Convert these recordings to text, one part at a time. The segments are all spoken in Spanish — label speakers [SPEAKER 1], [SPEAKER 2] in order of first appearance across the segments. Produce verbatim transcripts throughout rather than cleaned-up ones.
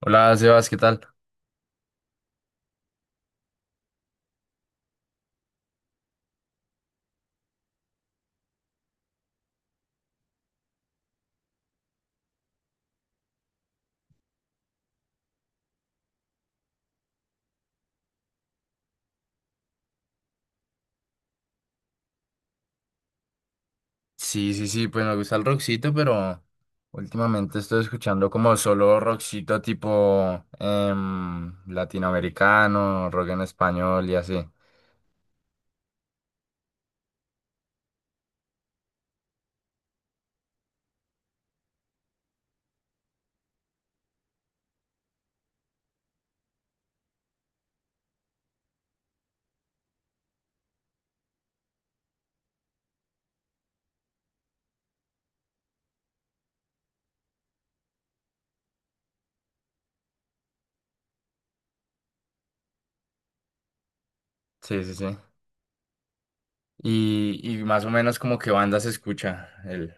[SPEAKER 1] Hola, Sebas, ¿qué tal? Sí, sí, sí, pues me gusta el rockcito, pero últimamente estoy escuchando como solo rockcito tipo em, latinoamericano, rock en español y así. Sí, sí, sí. Y, y más o menos como que banda se escucha el...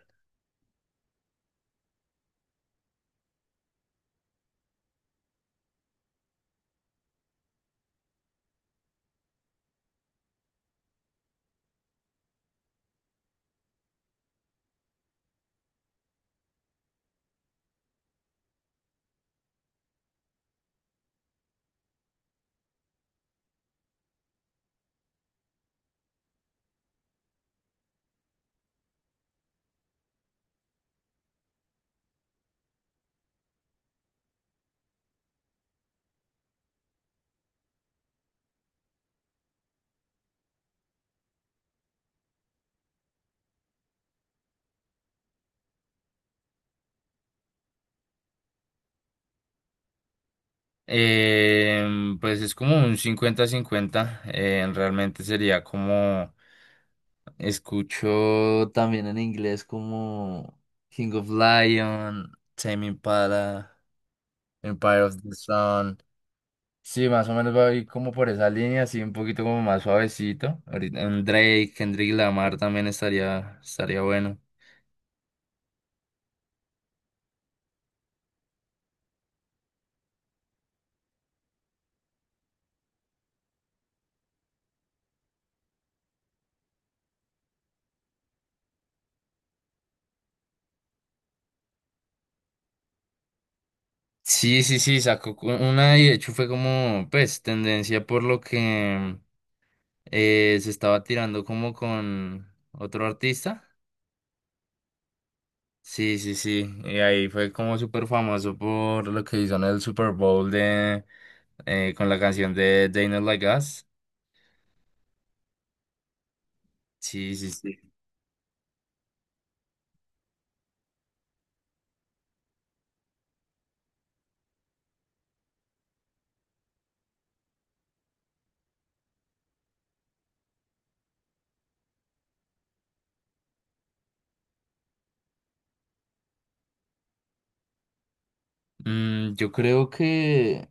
[SPEAKER 1] Em, pues es como un cincuenta-cincuenta. Em, realmente sería como... Escucho también en inglés como King of Lion, Tame Impala. Empire of the Sun. Sí, más o menos va a ir como por esa línea, así un poquito como más suavecito. Ahorita un Drake, Kendrick Lamar también estaría, estaría bueno. Sí, sí, sí, sacó cu- una y de hecho fue como, pues, tendencia por lo que eh, se estaba tirando como con otro artista. Sí, sí, sí, y ahí fue como súper famoso por lo que hizo en el Super Bowl de, eh, con la canción de They Not Like Us. Sí, sí, sí. Mm, yo creo que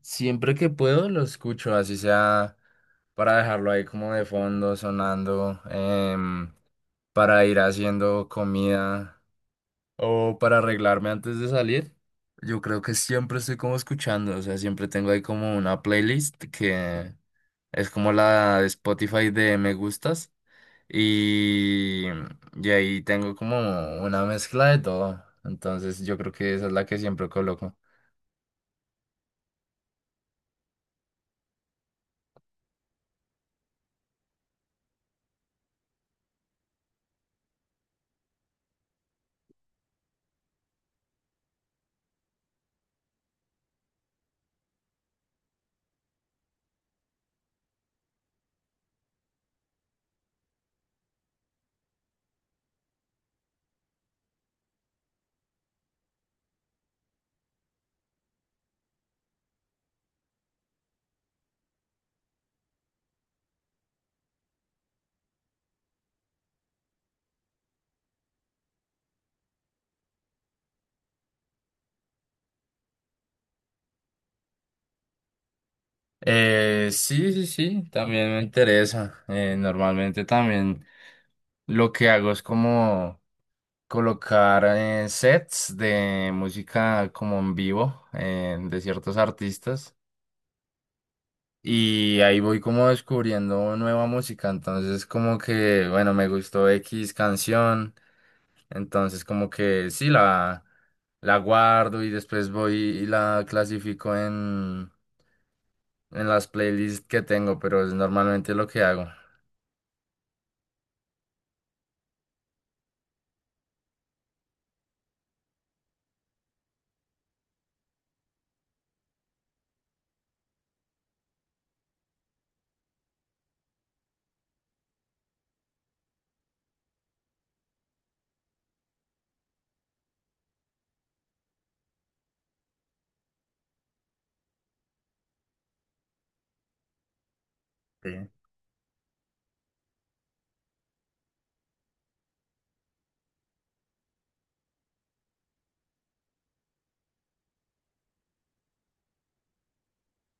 [SPEAKER 1] siempre que puedo lo escucho, así sea para dejarlo ahí como de fondo, sonando, em, para ir haciendo comida o para arreglarme antes de salir. Yo creo que siempre estoy como escuchando, o sea, siempre tengo ahí como una playlist que es como la de Spotify de me gustas y, y ahí tengo como una mezcla de todo. Entonces yo creo que esa es la que siempre coloco. Eh, sí, sí, sí, también me interesa. Eh, normalmente también lo que hago es como colocar eh, sets de música como en vivo eh, de ciertos artistas y ahí voy como descubriendo nueva música. Entonces como que, bueno, me gustó X canción, entonces como que sí, la, la guardo y después voy y la clasifico en, en las playlists que tengo, pero es normalmente lo que hago. Sí.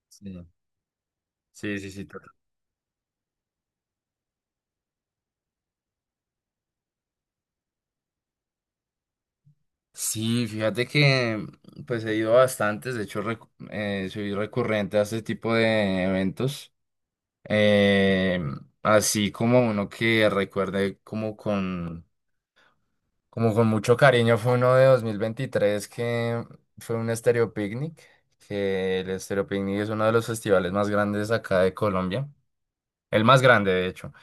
[SPEAKER 1] Sí, sí, sí, sí, total. Sí, fíjate que pues he ido a bastantes, de hecho recu- eh, soy recurrente a este tipo de eventos, eh, así como uno que recuerde como con, como con mucho cariño fue uno de dos mil veintitrés que fue un Estéreo Picnic, que el Estéreo Picnic es uno de los festivales más grandes acá de Colombia, el más grande de hecho,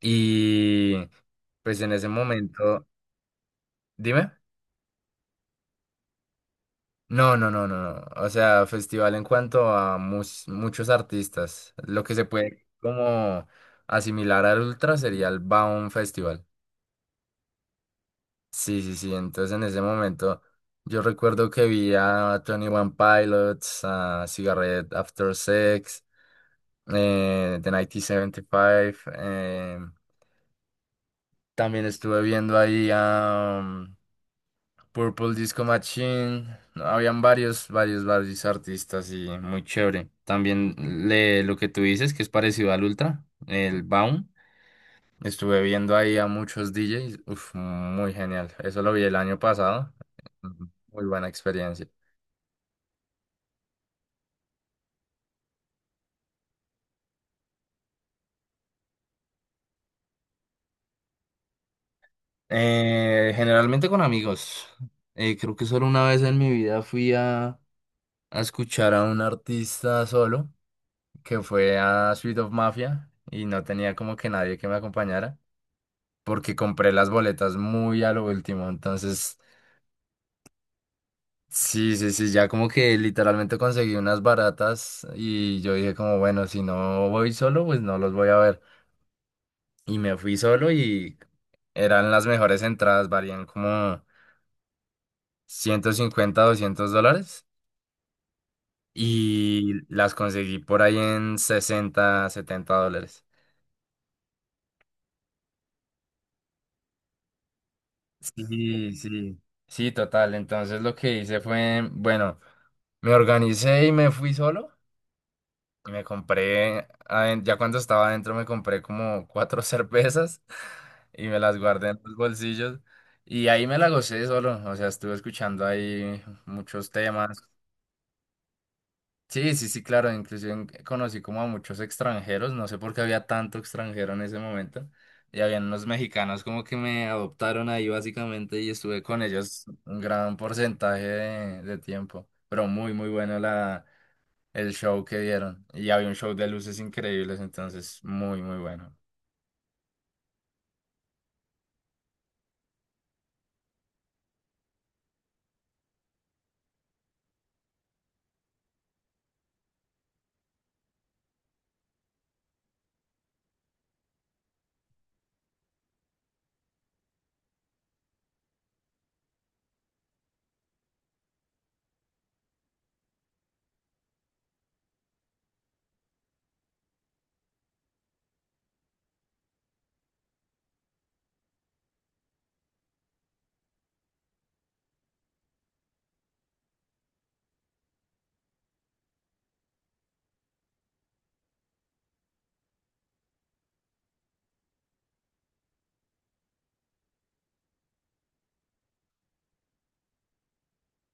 [SPEAKER 1] y pues en ese momento, dime. No, no, no, no, no. O sea, festival en cuanto a mus- muchos artistas. Lo que se puede como asimilar al Ultra sería el Baum Festival. Sí, sí, sí. Entonces en ese momento yo recuerdo que vi a Tony One Pilots, a Cigarette After Sex, eh, The mil novecientos setenta y cinco. Eh, también estuve viendo ahí Purple Disco Machine, no, habían varios, varios, varios artistas y muy chévere. También le, lo que tú dices, que es parecido al Ultra, el Baum. Estuve viendo ahí a muchos D Js, uf, muy genial. Eso lo vi el año pasado, muy buena experiencia. Eh, generalmente con amigos. Eh, creo que solo una vez en mi vida fui a, a escuchar a un artista solo, que fue a Suite of Mafia, y no tenía como que nadie que me acompañara, porque compré las boletas muy a lo último. Entonces, sí, sí, sí, ya como que literalmente conseguí unas baratas y yo dije como, bueno, si no voy solo, pues no los voy a ver. Y me fui solo y eran las mejores entradas, varían como ciento cincuenta doscientos dólares y las conseguí por ahí en sesenta setenta dólares. Sí, sí, sí, total. Entonces lo que hice fue, bueno, me organicé y me fui solo. Y me compré, aden- ya cuando estaba adentro me compré como cuatro cervezas y me las guardé en los bolsillos. Y ahí me la gocé solo, o sea, estuve escuchando ahí muchos temas. Sí, sí, sí, claro, inclusive en- conocí como a muchos extranjeros, no sé por qué había tanto extranjero en ese momento. Y había unos mexicanos como que me adoptaron ahí básicamente y estuve con ellos un gran porcentaje de, de tiempo. Pero muy, muy bueno el show que dieron. Y había un show de luces increíbles, entonces muy, muy bueno.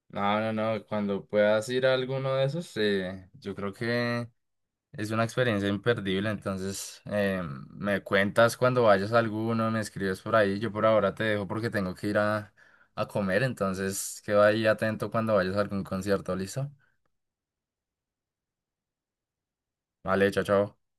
[SPEAKER 1] No, no, no, cuando puedas ir a alguno de esos, eh, yo creo que es una experiencia imperdible, entonces eh, me cuentas cuando vayas a alguno, me escribes por ahí, yo por ahora te dejo porque tengo que ir a, a comer, entonces queda ahí atento cuando vayas a algún concierto, ¿listo? Vale, chao, chao.